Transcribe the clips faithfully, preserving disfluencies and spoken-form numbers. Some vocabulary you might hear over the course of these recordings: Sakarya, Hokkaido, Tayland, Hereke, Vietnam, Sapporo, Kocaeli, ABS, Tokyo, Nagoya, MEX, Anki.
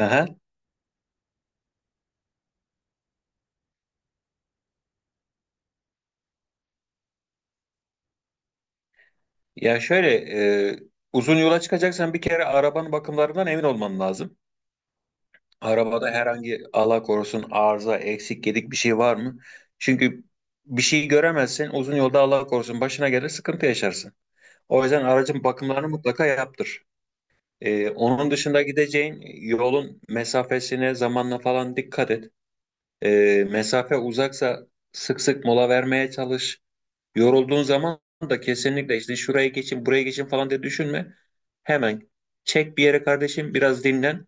Aha. Ya şöyle e, uzun yola çıkacaksan bir kere arabanın bakımlarından emin olman lazım. Arabada herhangi Allah korusun arıza, eksik, gedik bir şey var mı? Çünkü bir şey göremezsen uzun yolda Allah korusun başına gelir sıkıntı yaşarsın. O yüzden aracın bakımlarını mutlaka yaptır. E, onun dışında gideceğin yolun mesafesine, zamanla falan dikkat et. E, mesafe uzaksa sık sık mola vermeye çalış. Yorulduğun zaman da kesinlikle işte şuraya geçin, buraya geçin falan diye düşünme. Hemen çek bir yere kardeşim, biraz dinlen.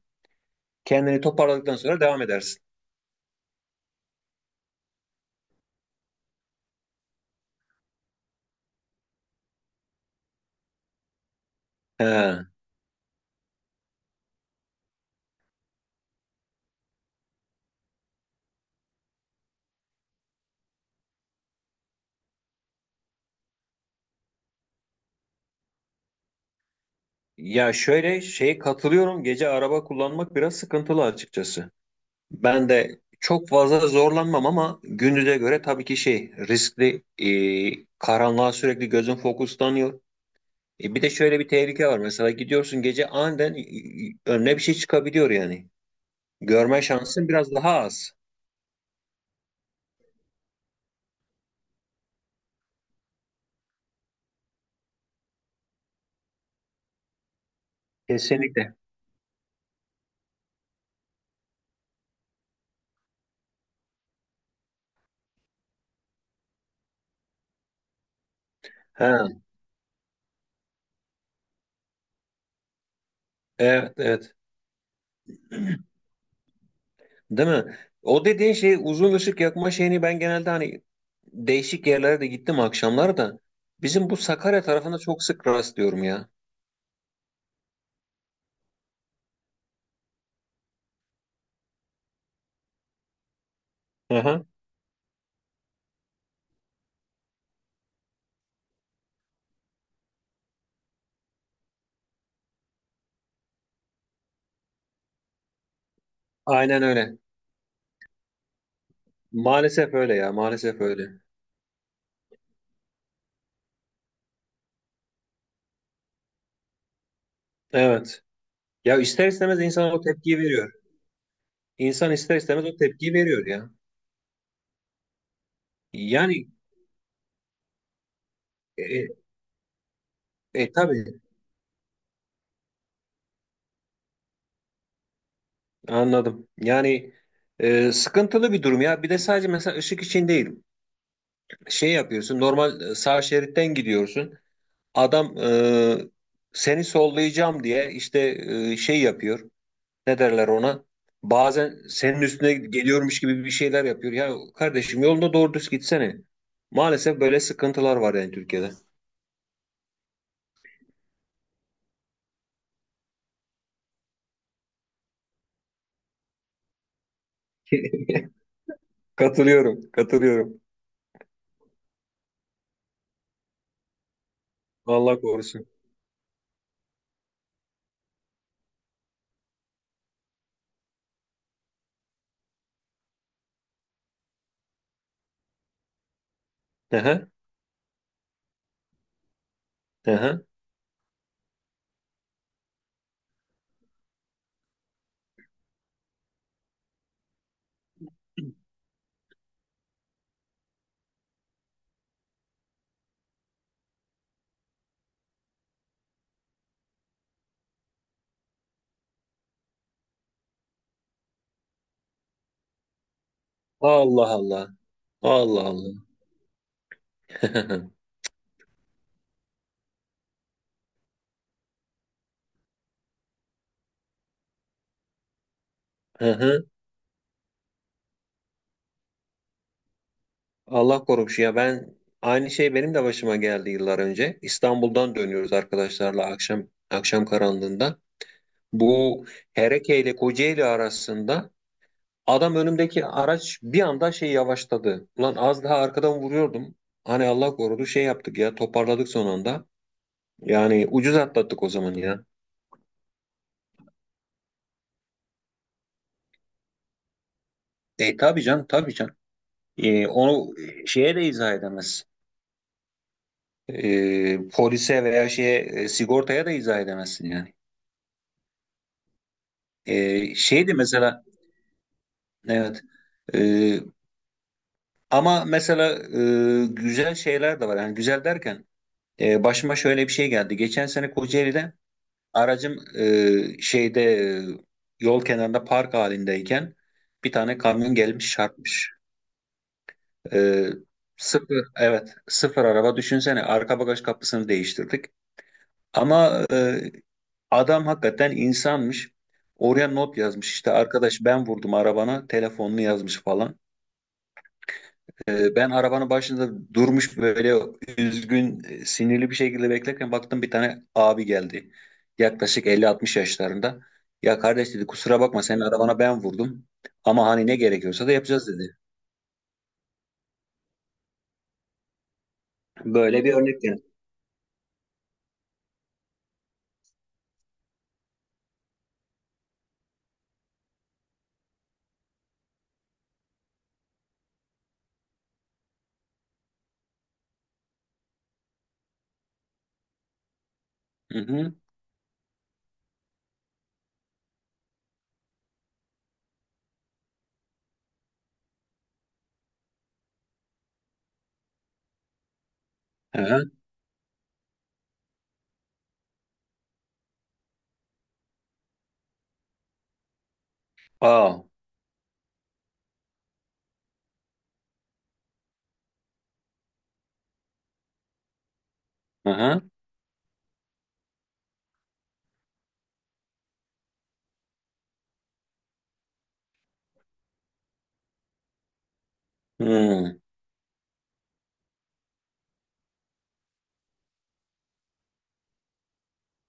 Kendini toparladıktan sonra devam edersin. He. Ya şöyle şeye katılıyorum. Gece araba kullanmak biraz sıkıntılı açıkçası. Ben de çok fazla zorlanmam ama gündüze göre tabii ki şey riskli. E, karanlığa sürekli gözün fokuslanıyor. E, bir de şöyle bir tehlike var. Mesela gidiyorsun gece aniden e, önüne bir şey çıkabiliyor yani. Görme şansın biraz daha az. Kesinlikle. Ha, evet evet. Değil mi? O dediğin şey uzun ışık yakma şeyini ben genelde hani değişik yerlere de gittim akşamlar da bizim bu Sakarya tarafında çok sık rastlıyorum ya. Hı hı. Aynen öyle. Maalesef öyle ya, maalesef öyle. Evet. Ya ister istemez insan o tepkiyi veriyor. İnsan ister istemez o tepkiyi veriyor ya. Yani e, e, tabii anladım. Yani e, sıkıntılı bir durum ya. Bir de sadece mesela ışık için değil. Şey yapıyorsun normal e, sağ şeritten gidiyorsun adam e, seni sollayacağım diye işte e, şey yapıyor, ne derler ona, bazen senin üstüne geliyormuş gibi bir şeyler yapıyor ya kardeşim yolunda doğru düz gitsene. Maalesef böyle sıkıntılar var yani Türkiye'de. Katılıyorum, katılıyorum. Allah korusun. Aha, aha. Allah Allah. Allah Allah. Allah korumuş ya. Ben aynı şey benim de başıma geldi yıllar önce. İstanbul'dan dönüyoruz arkadaşlarla akşam akşam karanlığında. Bu Hereke ile Kocaeli arasında adam önümdeki araç bir anda şey yavaşladı. Ulan az daha arkadan vuruyordum. Hani Allah korudu şey yaptık ya, toparladık son anda. Yani ucuz atlattık o zaman ya. E tabii canım, tabii canım. E, onu e, şeye de izah edemezsin. E, polise veya şeye e, sigortaya da izah edemezsin yani. E, şeydi mesela. Evet. Ee, Ama mesela e, güzel şeyler de var. Yani güzel derken e, başıma şöyle bir şey geldi. Geçen sene Kocaeli'de aracım e, şeyde e, yol kenarında park halindeyken bir tane kamyon gelmiş çarpmış. E, Sıfır, evet, sıfır araba, düşünsene arka bagaj kapısını değiştirdik. Ama e, adam hakikaten insanmış. Oraya not yazmış, işte arkadaş ben vurdum arabana telefonunu yazmış falan. Ee, Ben arabanın başında durmuş böyle üzgün, e, sinirli bir şekilde beklerken baktım bir tane abi geldi. Yaklaşık elli altmış yaşlarında. Ya kardeş dedi, kusura bakma senin arabana ben vurdum. Ama hani ne gerekiyorsa da yapacağız dedi. Böyle bir örnek yani. Hı hı. Hı hı. Aa. Hı hı. Hı.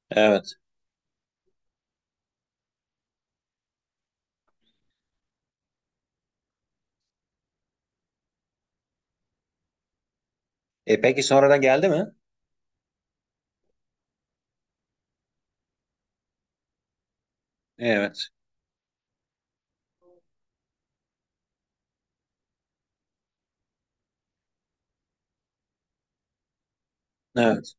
Evet. E peki sonradan geldi mi? Evet. Evet.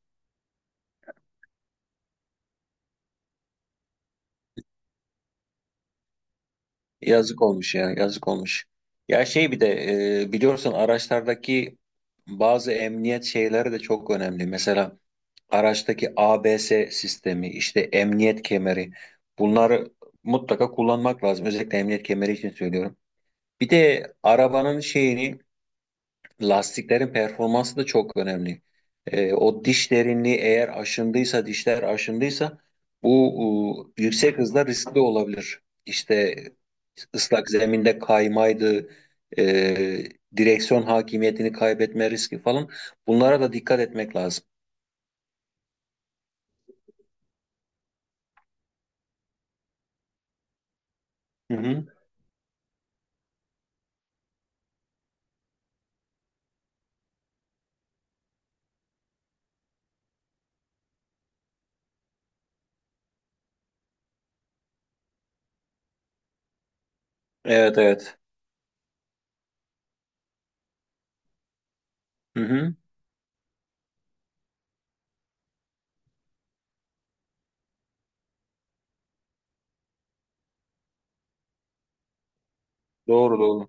Yazık olmuş ya. Yazık olmuş. Ya şey bir de e, biliyorsun araçlardaki bazı emniyet şeyleri de çok önemli. Mesela araçtaki A B S sistemi, işte emniyet kemeri, bunları mutlaka kullanmak lazım. Özellikle emniyet kemeri için söylüyorum. Bir de arabanın şeyini, lastiklerin performansı da çok önemli. Ee, o diş derinliği eğer aşındıysa, dişler aşındıysa bu e, yüksek hızda riskli olabilir. İşte ıslak zeminde kaymaydı, e, direksiyon hakimiyetini kaybetme riski falan. Bunlara da dikkat etmek lazım. Hı hı. Evet evet. Hı hı. Doğru doğru.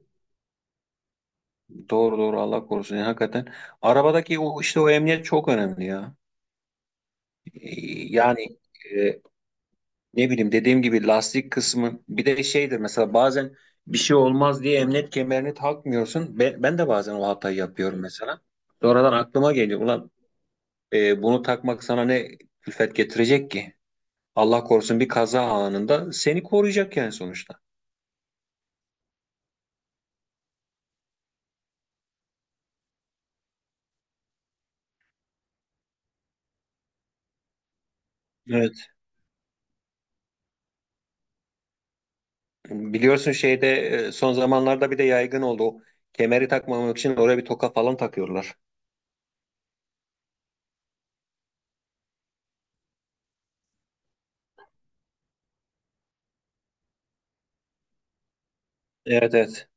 Doğru doğru, Allah korusun. Yani hakikaten arabadaki o işte o emniyet çok önemli ya. Ee, Yani e, ne bileyim dediğim gibi lastik kısmı bir de şeydir, mesela bazen bir şey olmaz diye emniyet kemerini takmıyorsun. Ben, ben de bazen o hatayı yapıyorum mesela. Sonradan aklıma geliyor. Ulan e, bunu takmak sana ne külfet getirecek ki? Allah korusun bir kaza anında seni koruyacak yani sonuçta. Evet. Biliyorsun şeyde e, son zamanlarda bir de yaygın oldu. O kemeri takmamak için oraya bir toka falan takıyorlar. Evet evet.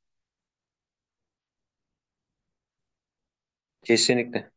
Kesinlikle.